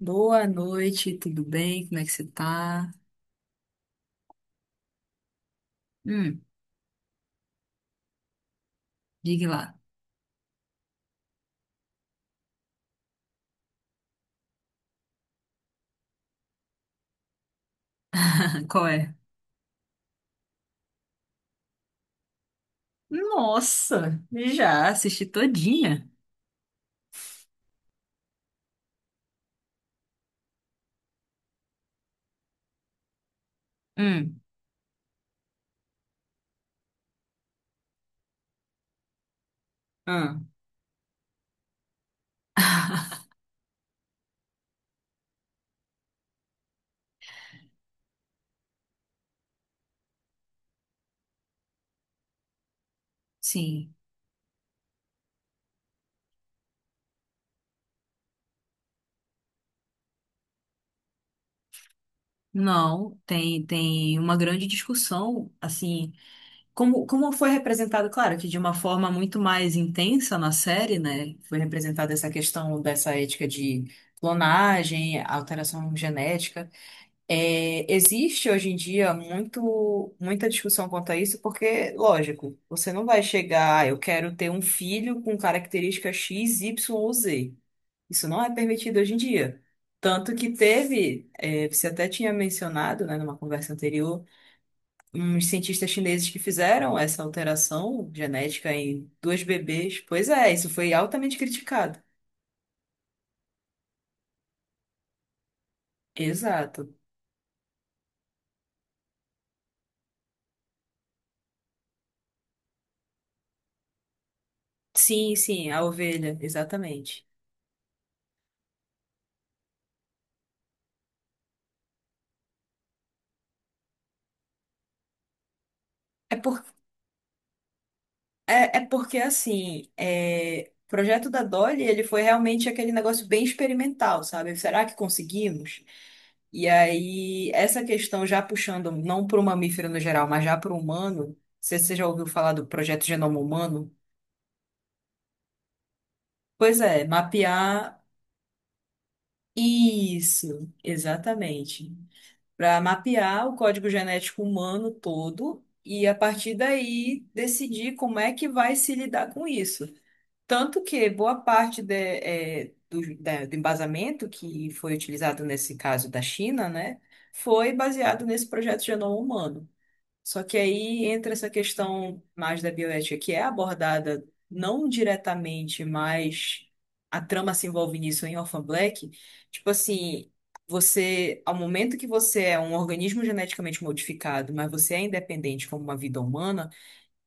Boa noite, tudo bem? Como é que você tá? Hum, diga lá. Qual é? Nossa, já assisti todinha. Hum, ah, sim. Não, tem uma grande discussão, assim, como foi representado, claro, que de uma forma muito mais intensa na série, né? Foi representada essa questão dessa ética de clonagem, alteração genética. É, existe hoje em dia muita discussão quanto a isso, porque, lógico, você não vai chegar, "Ah, eu quero ter um filho com característica X, Y ou Z." Isso não é permitido hoje em dia. Tanto que teve, é, você até tinha mencionado, né, numa conversa anterior, uns cientistas chineses que fizeram essa alteração genética em dois bebês. Pois é, isso foi altamente criticado. Exato. Sim, sim, a ovelha, exatamente. é é, porque assim, é, o projeto da Dolly, ele foi realmente aquele negócio bem experimental, sabe? Será que conseguimos? E aí, essa questão já puxando não para o mamífero no geral, mas já para o humano, se você já ouviu falar do projeto Genoma Humano? Pois é, mapear isso, exatamente. Para mapear o código genético humano todo e a partir daí decidir como é que vai se lidar com isso. Tanto que boa parte do embasamento que foi utilizado nesse caso da China, né, foi baseado nesse projeto de genoma humano. Só que aí entra essa questão mais da bioética, que é abordada não diretamente, mas a trama se envolve nisso em Orphan Black. Tipo assim, você, ao momento que você é um organismo geneticamente modificado, mas você é independente como uma vida humana,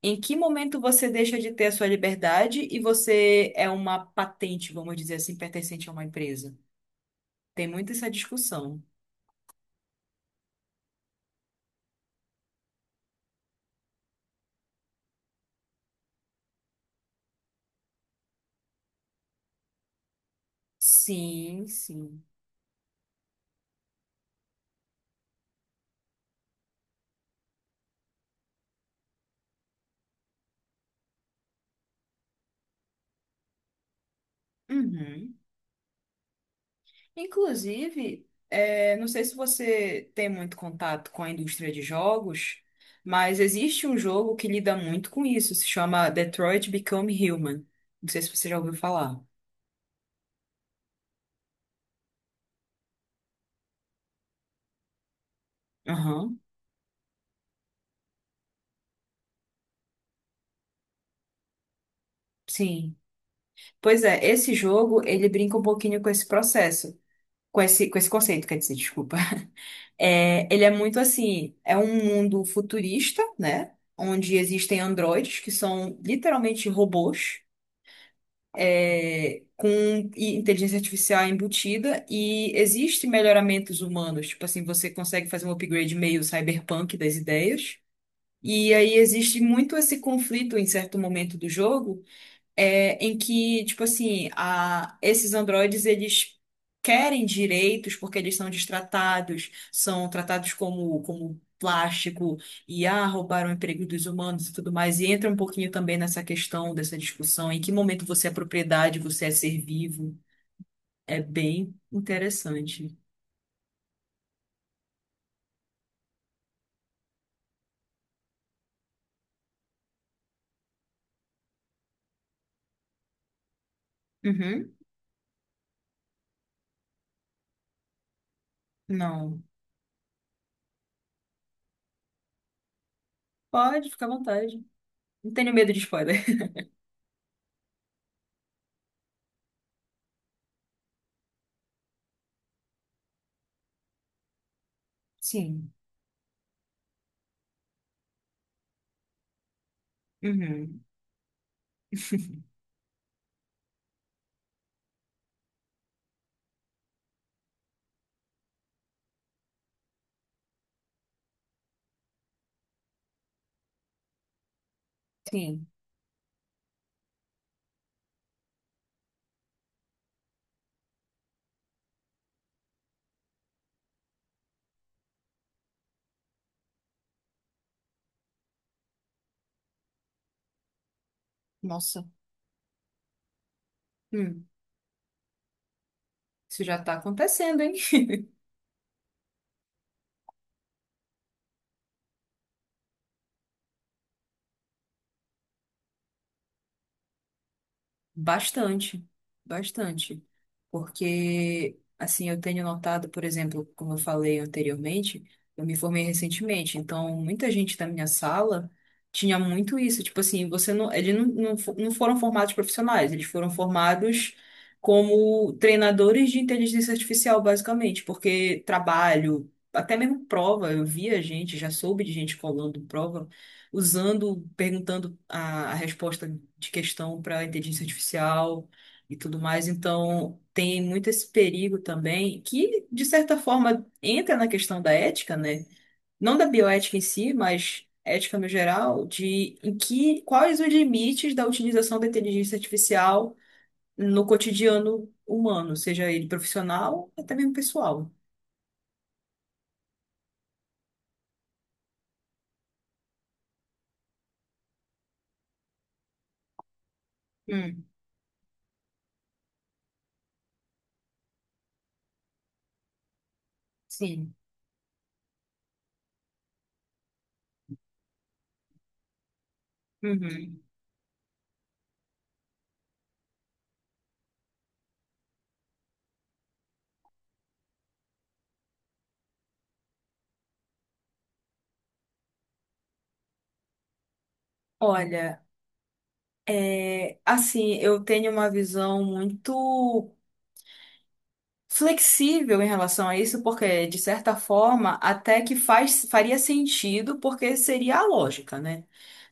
em que momento você deixa de ter a sua liberdade e você é uma patente, vamos dizer assim, pertencente a uma empresa? Tem muito essa discussão. Sim, sim. Uhum. Inclusive, é, não sei se você tem muito contato com a indústria de jogos, mas existe um jogo que lida muito com isso, se chama Detroit Become Human. Não sei se você já ouviu falar. Aham, sim. Pois é, esse jogo, ele brinca um pouquinho com esse processo, com esse conceito, quer dizer, desculpa. É, ele é muito assim, é um mundo futurista, né? Onde existem androides que são literalmente robôs, é, com i- inteligência artificial embutida, e existem melhoramentos humanos, tipo assim, você consegue fazer um upgrade meio cyberpunk das ideias. E aí existe muito esse conflito em certo momento do jogo, é, em que, tipo assim, a, esses androides, eles querem direitos porque eles são destratados, são tratados como, como plástico, e ah, roubaram o emprego dos humanos e tudo mais, e entra um pouquinho também nessa questão, dessa discussão, em que momento você é propriedade, você é ser vivo, é bem interessante. Uhum. Não. Pode, fica à vontade. Não tenho medo de spoiler. Sim. Uhum. Sim. Nossa. Hum. Isso já tá acontecendo, hein? Bastante, bastante. Porque, assim, eu tenho notado, por exemplo, como eu falei anteriormente, eu me formei recentemente, então muita gente da minha sala tinha muito isso. Tipo assim, você não, eles não foram formados profissionais, eles foram formados como treinadores de inteligência artificial, basicamente, porque trabalho, até mesmo prova, eu via gente, já soube de gente colando prova usando, perguntando a resposta de questão para inteligência artificial e tudo mais. Então, tem muito esse perigo também, que, de certa forma, entra na questão da ética, né? Não da bioética em si, mas ética no geral, de em que, quais os limites da utilização da inteligência artificial no cotidiano humano, seja ele profissional, até mesmo pessoal. Hum, sim. Uhum. Olha, assim, eu tenho uma visão muito flexível em relação a isso, porque, de certa forma, até que faria sentido, porque seria a lógica, né?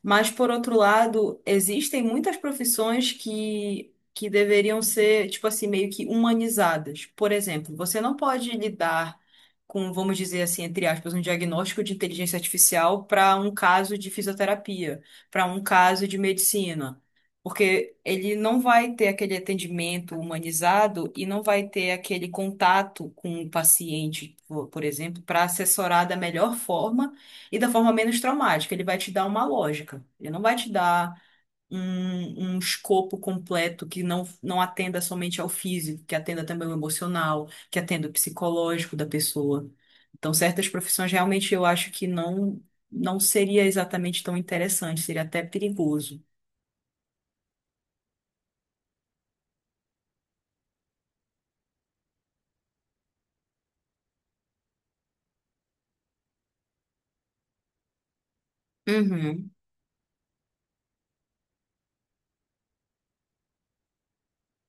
Mas, por outro lado, existem muitas profissões que deveriam ser, tipo assim, meio que humanizadas. Por exemplo, você não pode lidar com, vamos dizer assim, entre aspas, um diagnóstico de inteligência artificial para um caso de fisioterapia, para um caso de medicina. Porque ele não vai ter aquele atendimento humanizado e não vai ter aquele contato com o paciente, por exemplo, para assessorar da melhor forma e da forma menos traumática. Ele vai te dar uma lógica, ele não vai te dar um escopo completo que não atenda somente ao físico, que atenda também o emocional, que atenda o psicológico da pessoa. Então, certas profissões realmente eu acho que não, não seria exatamente tão interessante, seria até perigoso. Uhum.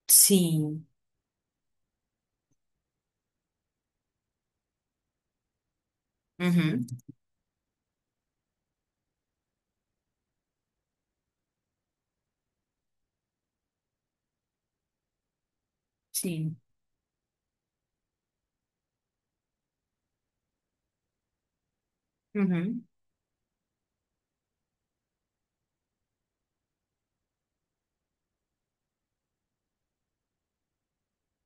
Sim. Uhum. Sim. Uhum.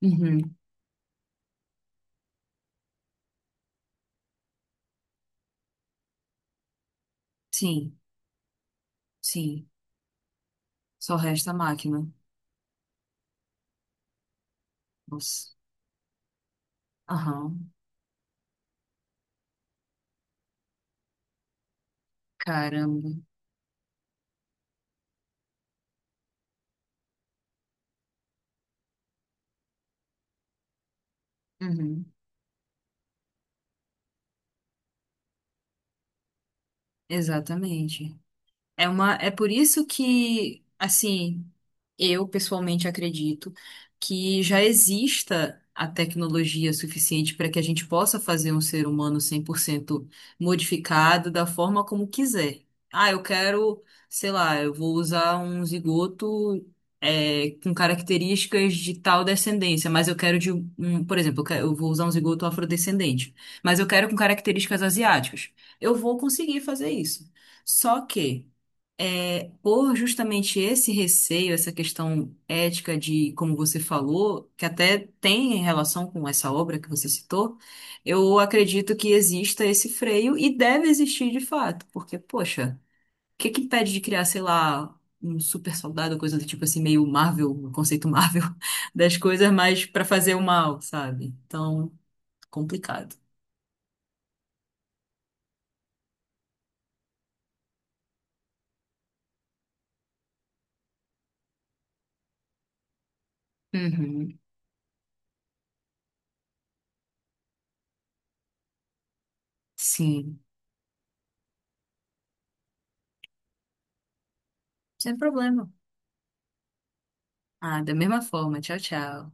Uhum. Sim. Sim. Só resta a máquina. Nossa. Aham. Caramba. Uhum. Exatamente. É por isso que, assim, eu pessoalmente acredito que já exista a tecnologia suficiente para que a gente possa fazer um ser humano 100% modificado da forma como quiser. Ah, eu quero, sei lá, eu vou usar um zigoto, é, com características de tal descendência, mas eu quero de um, por exemplo, eu vou usar um zigoto afrodescendente, mas eu quero com características asiáticas. Eu vou conseguir fazer isso. Só que é, por justamente esse receio, essa questão ética de, como você falou, que até tem em relação com essa obra que você citou, eu acredito que exista esse freio e deve existir de fato, porque, poxa, o que que impede de criar, sei lá, um super soldado, coisa do tipo assim, meio Marvel, o conceito Marvel das coisas, mas para fazer o mal, sabe? Então, complicado. Uhum. Sim, sem problema. Ah, da mesma forma. Tchau, tchau.